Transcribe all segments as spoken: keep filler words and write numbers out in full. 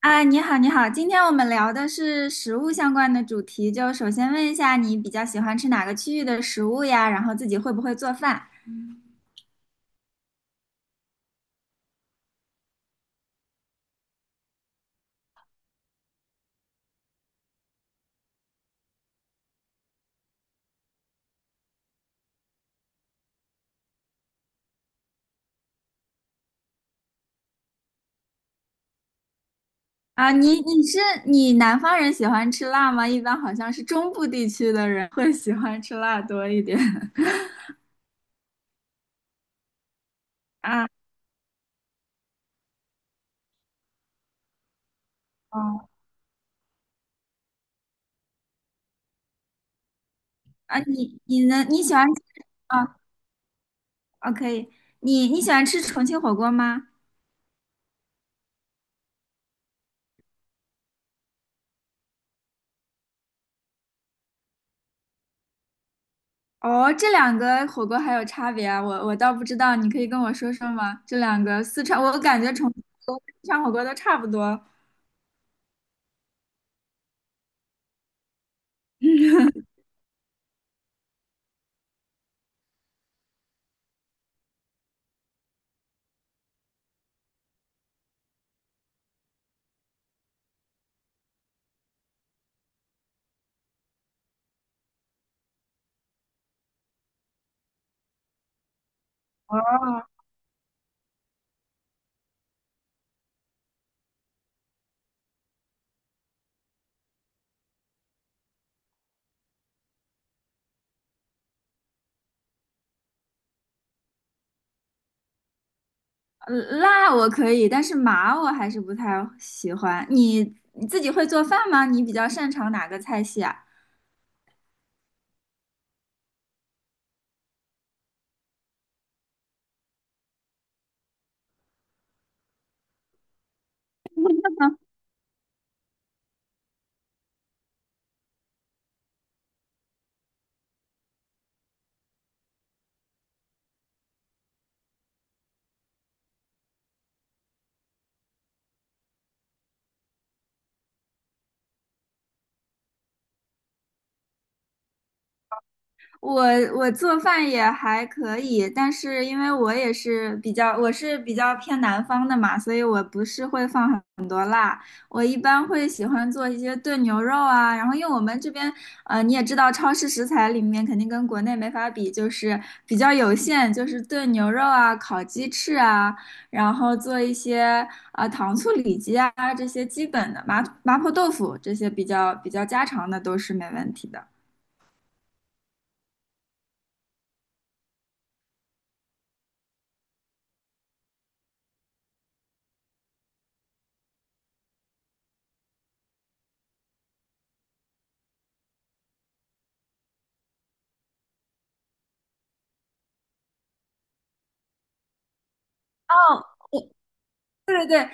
啊，你好，你好，今天我们聊的是食物相关的主题，就首先问一下你比较喜欢吃哪个区域的食物呀？然后自己会不会做饭？啊，你你是你南方人喜欢吃辣吗？一般好像是中部地区的人会喜欢吃辣多一点。啊，哦，啊，你你能你喜欢吃？啊，哦，可以。你你喜欢吃重庆火锅吗？哦，这两个火锅还有差别啊？我我倒不知道，你可以跟我说说吗？这两个四川，我感觉重庆火锅、四川火锅都差不多。哦，呃辣我可以，但是麻我还是不太喜欢。你你自己会做饭吗？你比较擅长哪个菜系啊？我我做饭也还可以，但是因为我也是比较，我是比较偏南方的嘛，所以我不是会放很，我一般会喜欢做一些炖牛肉啊，然后因为我们这边，呃，你也知道，超市食材里面肯定跟国内没法比，就是比较有限，就是炖牛肉啊、烤鸡翅啊，然后做一些呃糖醋里脊啊，这些基本的麻，麻婆豆腐这些比较比较家常的都是没问题的。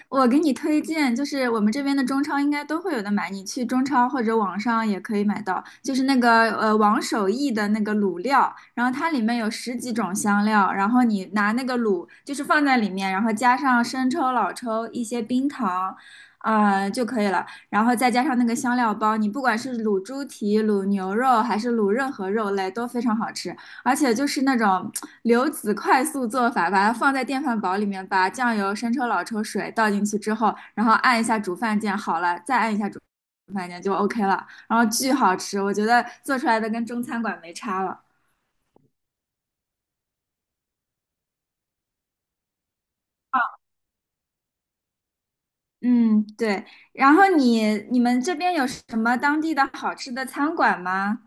我给你推荐，就是我们这边的中超应该都会有的买，你去中超或者网上也可以买到，就是那个呃王守义的那个卤料，然后它里面有十几种香料，然后你拿那个卤就是放在里面，然后加上生抽、老抽、一些冰糖，啊、就可以了，然后再加上那个香料包，你不管是卤猪蹄、卤牛肉还是卤任何肉类都非常好吃，而且就是那种流子快速做法，把它放在电饭煲里面，把酱油、生抽、老抽、水倒进去之后，然后按一下煮饭键，好了，再按一下煮饭键就 OK 了，然后巨好吃，我觉得做出来的跟中餐馆没差了。嗯，对。然后你你们这边有什么当地的好吃的餐馆吗？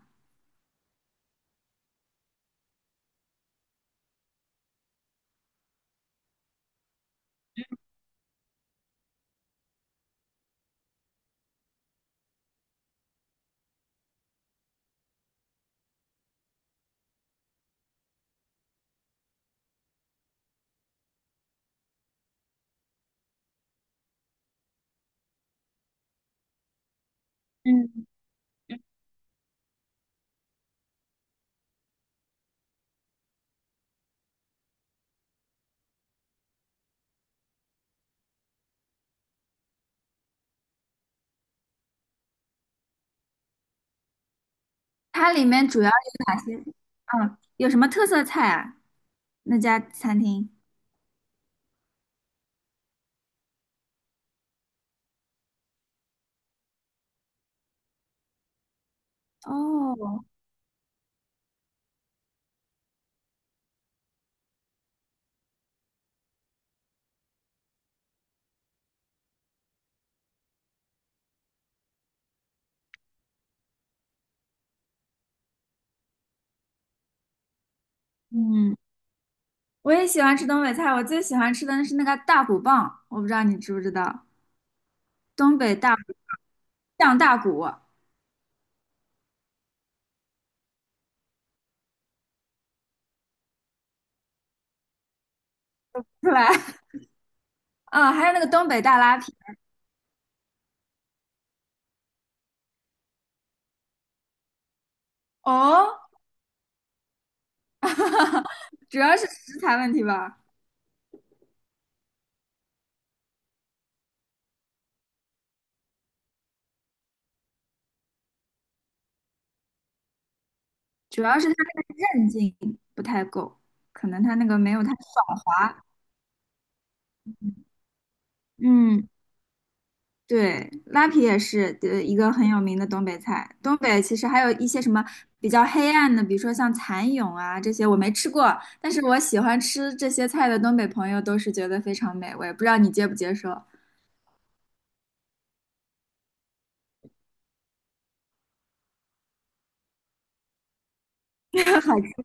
嗯，它里面主要有哪些？嗯，有什么特色菜啊？那家餐厅？哦，嗯。我也喜欢吃东北菜，我最喜欢吃的是那个大骨棒，我不知道你知不知道，东北大骨，酱大骨出来，嗯，还有那个东北大拉皮。哦，主要是食材问题吧，主要是它那个韧劲不太够，可能它那个没有它爽滑。嗯。对，拉皮也是呃一个很有名的东北菜。东北其实还有一些什么比较黑暗的，比如说像蚕蛹啊这些，我没吃过，但是我喜欢吃这些菜的东北朋友都是觉得非常美味。不知道你接不接受？好，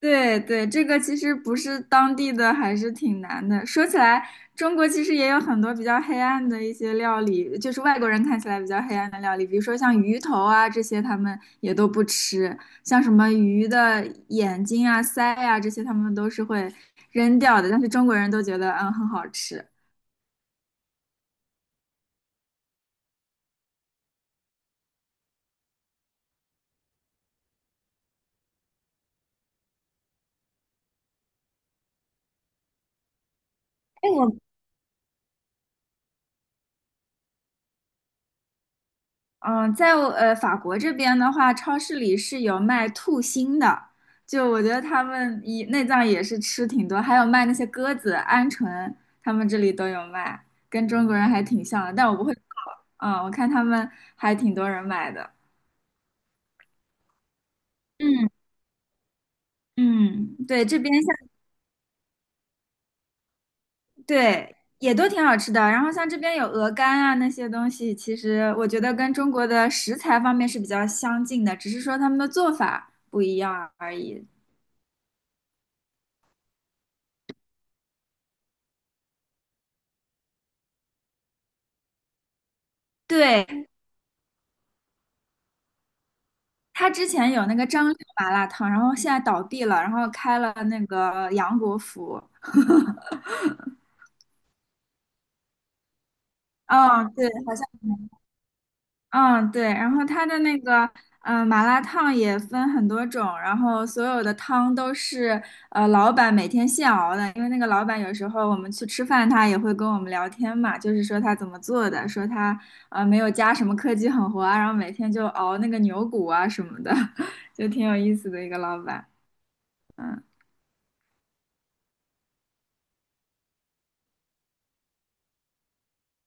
对对，这个其实不是当地的，还是挺难的。说起来，中国其实也有很多比较黑暗的一些料理，就是外国人看起来比较黑暗的料理，比如说像鱼头啊这些，他们也都不吃，像什么鱼的眼睛啊、鳃啊这些，他们都是会扔掉的。但是中国人都觉得嗯很好吃。我。嗯，在呃法国这边的话，超市里是有卖兔心的，就我觉得他们以内脏也是吃挺多，还有卖那些鸽子、鹌鹑，他们这里都有卖，跟中国人还挺像的，但我不会做，嗯，我看他们还挺多人买的。嗯，嗯，对，这边像对也都挺好吃的，然后像这边有鹅肝啊那些东西，其实我觉得跟中国的食材方面是比较相近的，只是说他们的做法不一样而已。对，他之前有那个张六麻辣烫，然后现在倒闭了，然后开了那个杨国福。嗯，对，好像，嗯，对。然后他的那个，嗯、麻辣烫也分很多种，然后所有的汤都是呃老板每天现熬的，因为那个老板有时候我们去吃饭，他也会跟我们聊天嘛，就是说他怎么做的，说他呃没有加什么科技狠活啊，然后每天就熬那个牛骨啊什么的，就挺有意思的一个老板。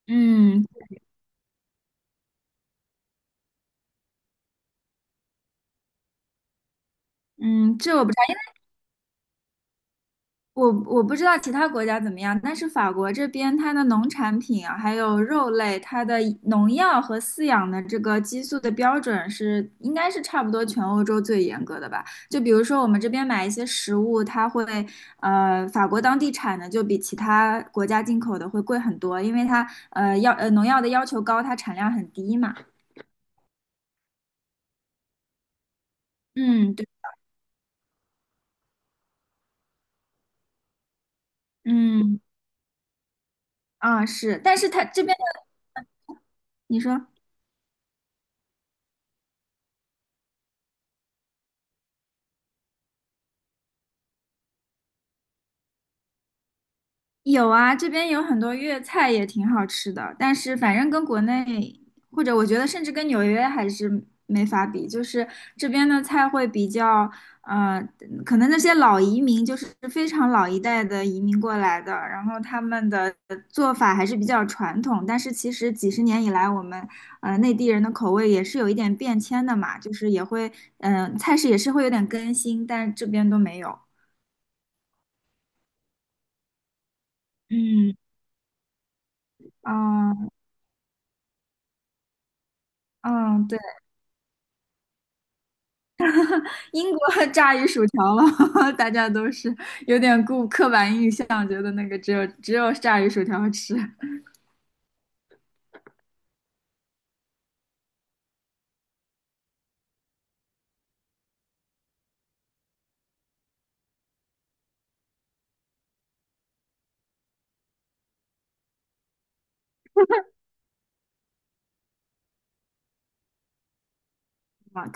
嗯，嗯，这我不知道。我，我不知道其他国家怎么样，但是法国这边它的农产品啊，还有肉类，它的农药和饲养的这个激素的标准是应该是差不多全欧洲最严格的吧？就比如说我们这边买一些食物，它会呃法国当地产的就比其他国家进口的会贵很多，因为它呃要呃农药的要求高，它产量很低嘛。嗯，对，嗯，啊，是，但是它这边的，你说。有啊，这边有很多粤菜也挺好吃的，但是反正跟国内，或者我觉得甚至跟纽约还是没法比，就是这边的菜会比较，呃，可能那些老移民就是非常老一代的移民过来的，然后他们的做法还是比较传统，但是其实几十年以来，我们呃内地人的口味也是有一点变迁的嘛，就是也会，嗯、菜式也是会有点更新，但这边都没有，嗯。嗯，嗯，对。英国炸鱼薯条了，大家都是有点固刻板印象，觉得那个只有只有炸鱼薯条吃啊。